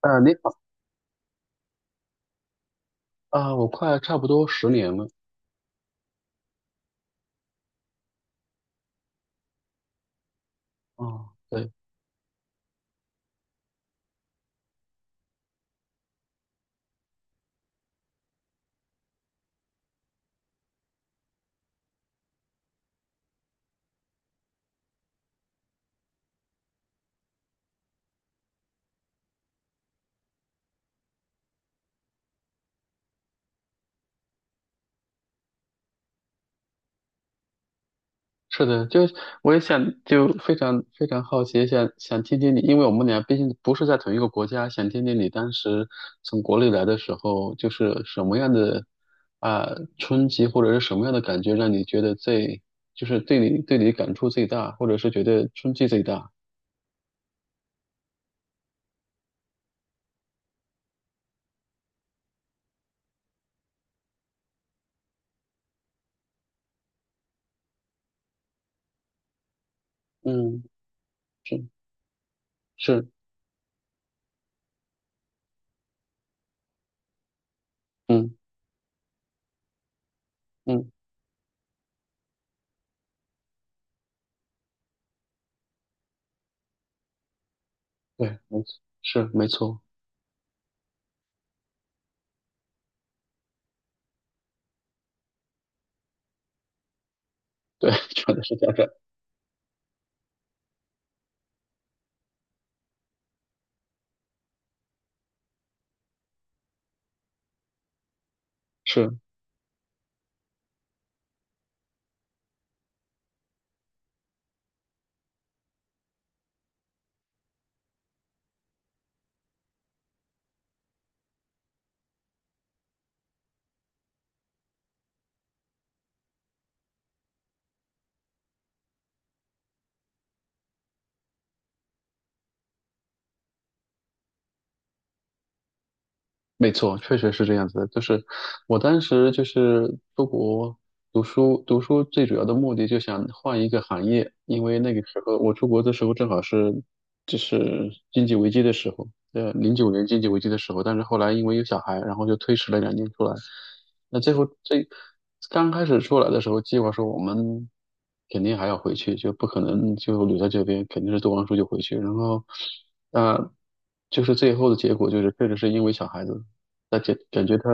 啊，你好。啊，我快差不多10年了。啊，对，是的。就我也想就非常非常好奇，想想听听你，因为我们俩毕竟不是在同一个国家，想听听你当时从国内来的时候，就是什么样的啊冲击，或者是什么样的感觉，让你觉得最就是对你感触最大，或者是觉得冲击最大？嗯，是是，嗯嗯，对，没错，是没错，对，说的是这样的是。没错，确实是这样子的。就是我当时就是出国读书，读书最主要的目的就想换一个行业，因为那个时候我出国的时候正好是就是经济危机的时候，09年经济危机的时候。但是后来因为有小孩，然后就推迟了2年出来。那最后最刚开始出来的时候，计划说我们肯定还要回去，就不可能就留在这边，肯定是读完书就回去。然后，呃，就是最后的结果就是确实是因为小孩子。那感觉他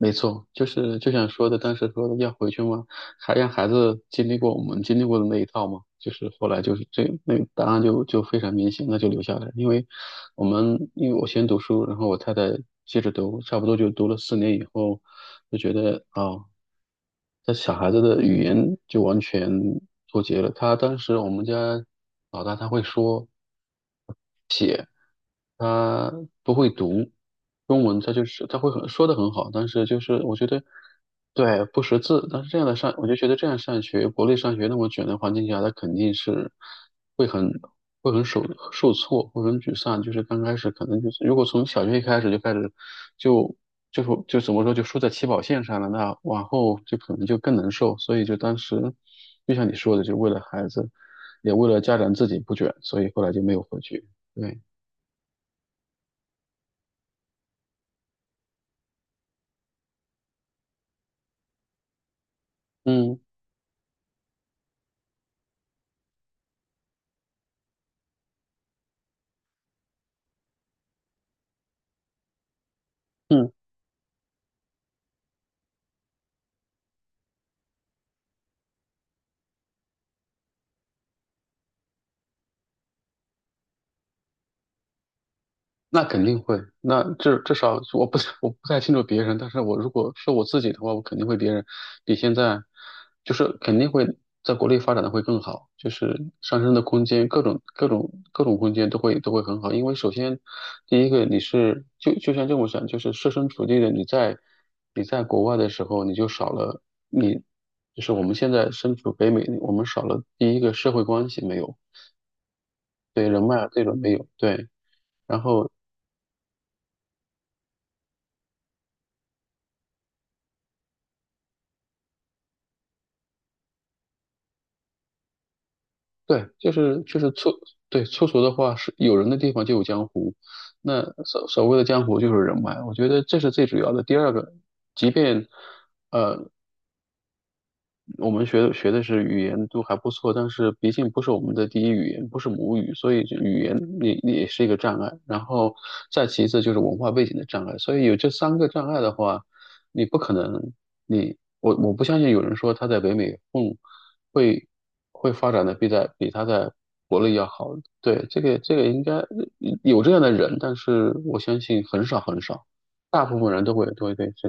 没错，就是就像说的，当时说的要回去嘛，还让孩子经历过我们经历过的那一套嘛，就是后来就是那个答案就非常明显，那就留下来，因为我们因为我先读书，然后我太太接着读，差不多就读了4年以后，就觉得啊，他小孩子的语言就完全脱节了。他当时我们家老大他会说，他不会读中文，他就是会很说的很好，但是就是我觉得对不识字，但是这样的上，我就觉得这样上学，国内上学那么卷的环境下，他肯定是会很会很受挫，会很沮丧，就是刚开始可能就是如果从小学一开始就开始就。就是怎么说，就输在起跑线上了，那往后就可能就更难受。所以就当时，就像你说的，就为了孩子，也为了家长自己不卷，所以后来就没有回去。对。嗯。嗯，那肯定会。那至少我不太清楚别人，但是我如果是我自己的话，我肯定会别人比现在就是肯定会在国内发展的会更好，就是上升的空间，各种空间都会很好。因为首先第一个你是就像这么想，就是设身处地的你在国外的时候，你就少了你就是我们现在身处北美，我们少了第一个社会关系没有，对人脉啊这种没有，对。然后对，就是粗，对粗俗的话是有人的地方就有江湖，那所谓的江湖就是人脉，我觉得这是最主要的。第二个，即便呃我们学的是语言都还不错，但是毕竟不是我们的第一语言，不是母语，所以这语言也是一个障碍。然后再其次就是文化背景的障碍，所以有这三个障碍的话，你不可能，我不相信有人说他在北美混会会发展的比他在国内要好。对，这个应该有这样的人，但是我相信很少很少，大部分人都会对这，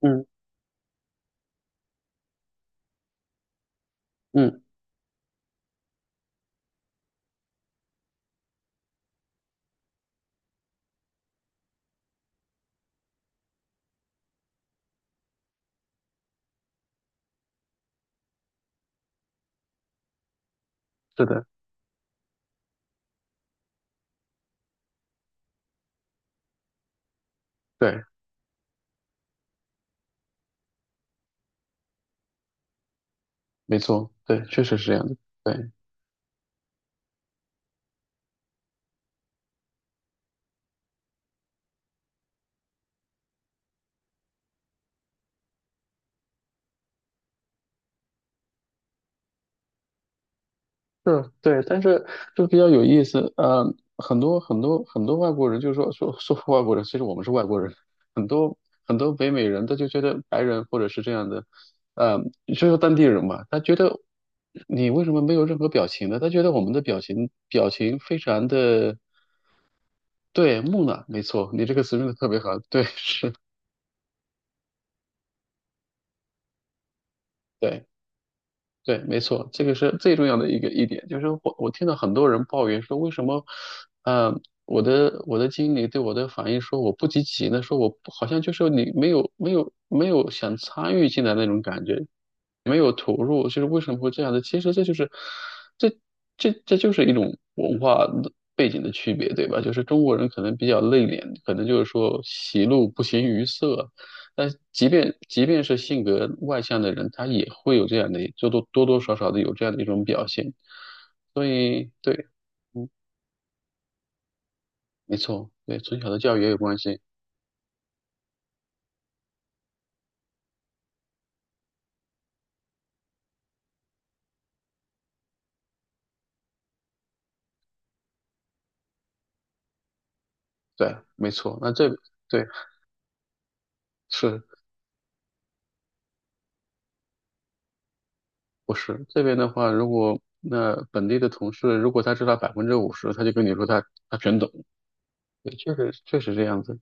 嗯嗯，是的。对。没错，对，确实是这样的，对，是，对，但是就比较有意思，很多外国人就是说外国人，其实我们是外国人，很多很多北美人他就觉得白人或者是这样的，呃，就是当地人嘛，他觉得你为什么没有任何表情呢？他觉得我们的表情非常的对木讷，没错，你这个词用的特别好，对，是，对。对，没错，这个是最重要的一点，就是我听到很多人抱怨说，为什么，呃，我的经理对我的反应说我不积极呢？说我不好像就是你没有想参与进来那种感觉，没有投入，就是为什么会这样的？其实这就是，这这就是一种文化的背景的区别，对吧？就是中国人可能比较内敛，可能就是说喜怒不形于色，但即便是性格外向的人，他也会有这样的，就多多少少的有这样的一种表现。所以，对，没错，对，从小的教育也有关系。对，没错。那这，对，是不是这边的话，如果那本地的同事，如果他知道50%，他就跟你说他全懂。对，确实确实这样子。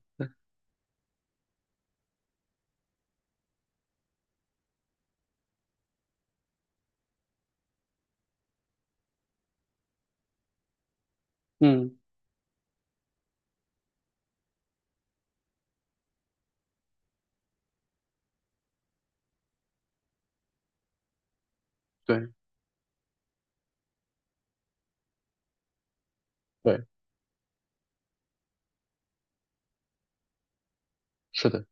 嗯，对对，是的。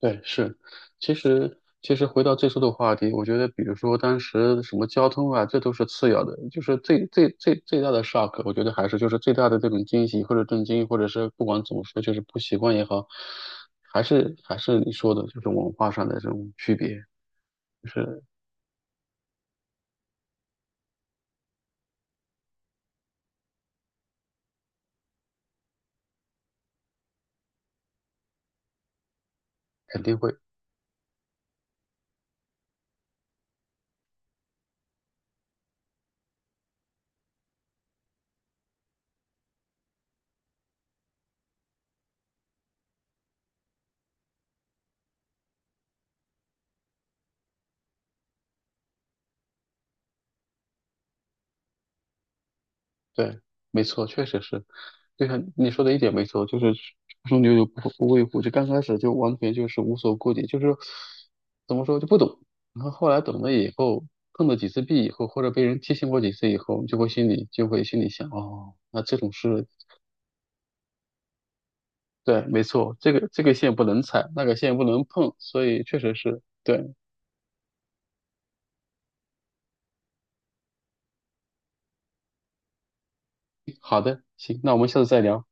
对，是，其实回到最初的话题，我觉得，比如说当时什么交通啊，这都是次要的，就是最大的 shock，我觉得还是就是最大的这种惊喜或者震惊，或者是不管怎么说，就是不习惯也好，还是你说的，就是文化上的这种区别，就是肯定会。对，没错，确实是，就像你说的一点没错，就是初生牛犊不畏虎，就刚开始就完全就是无所顾忌，就是怎么说就不懂，然后后来懂了以后，碰了几次壁以后，或者被人提醒过几次以后，就会心里想，哦，那这种事，对，没错，这个线不能踩，那个线不能碰，所以确实是，对，好的，行，那我们下次再聊。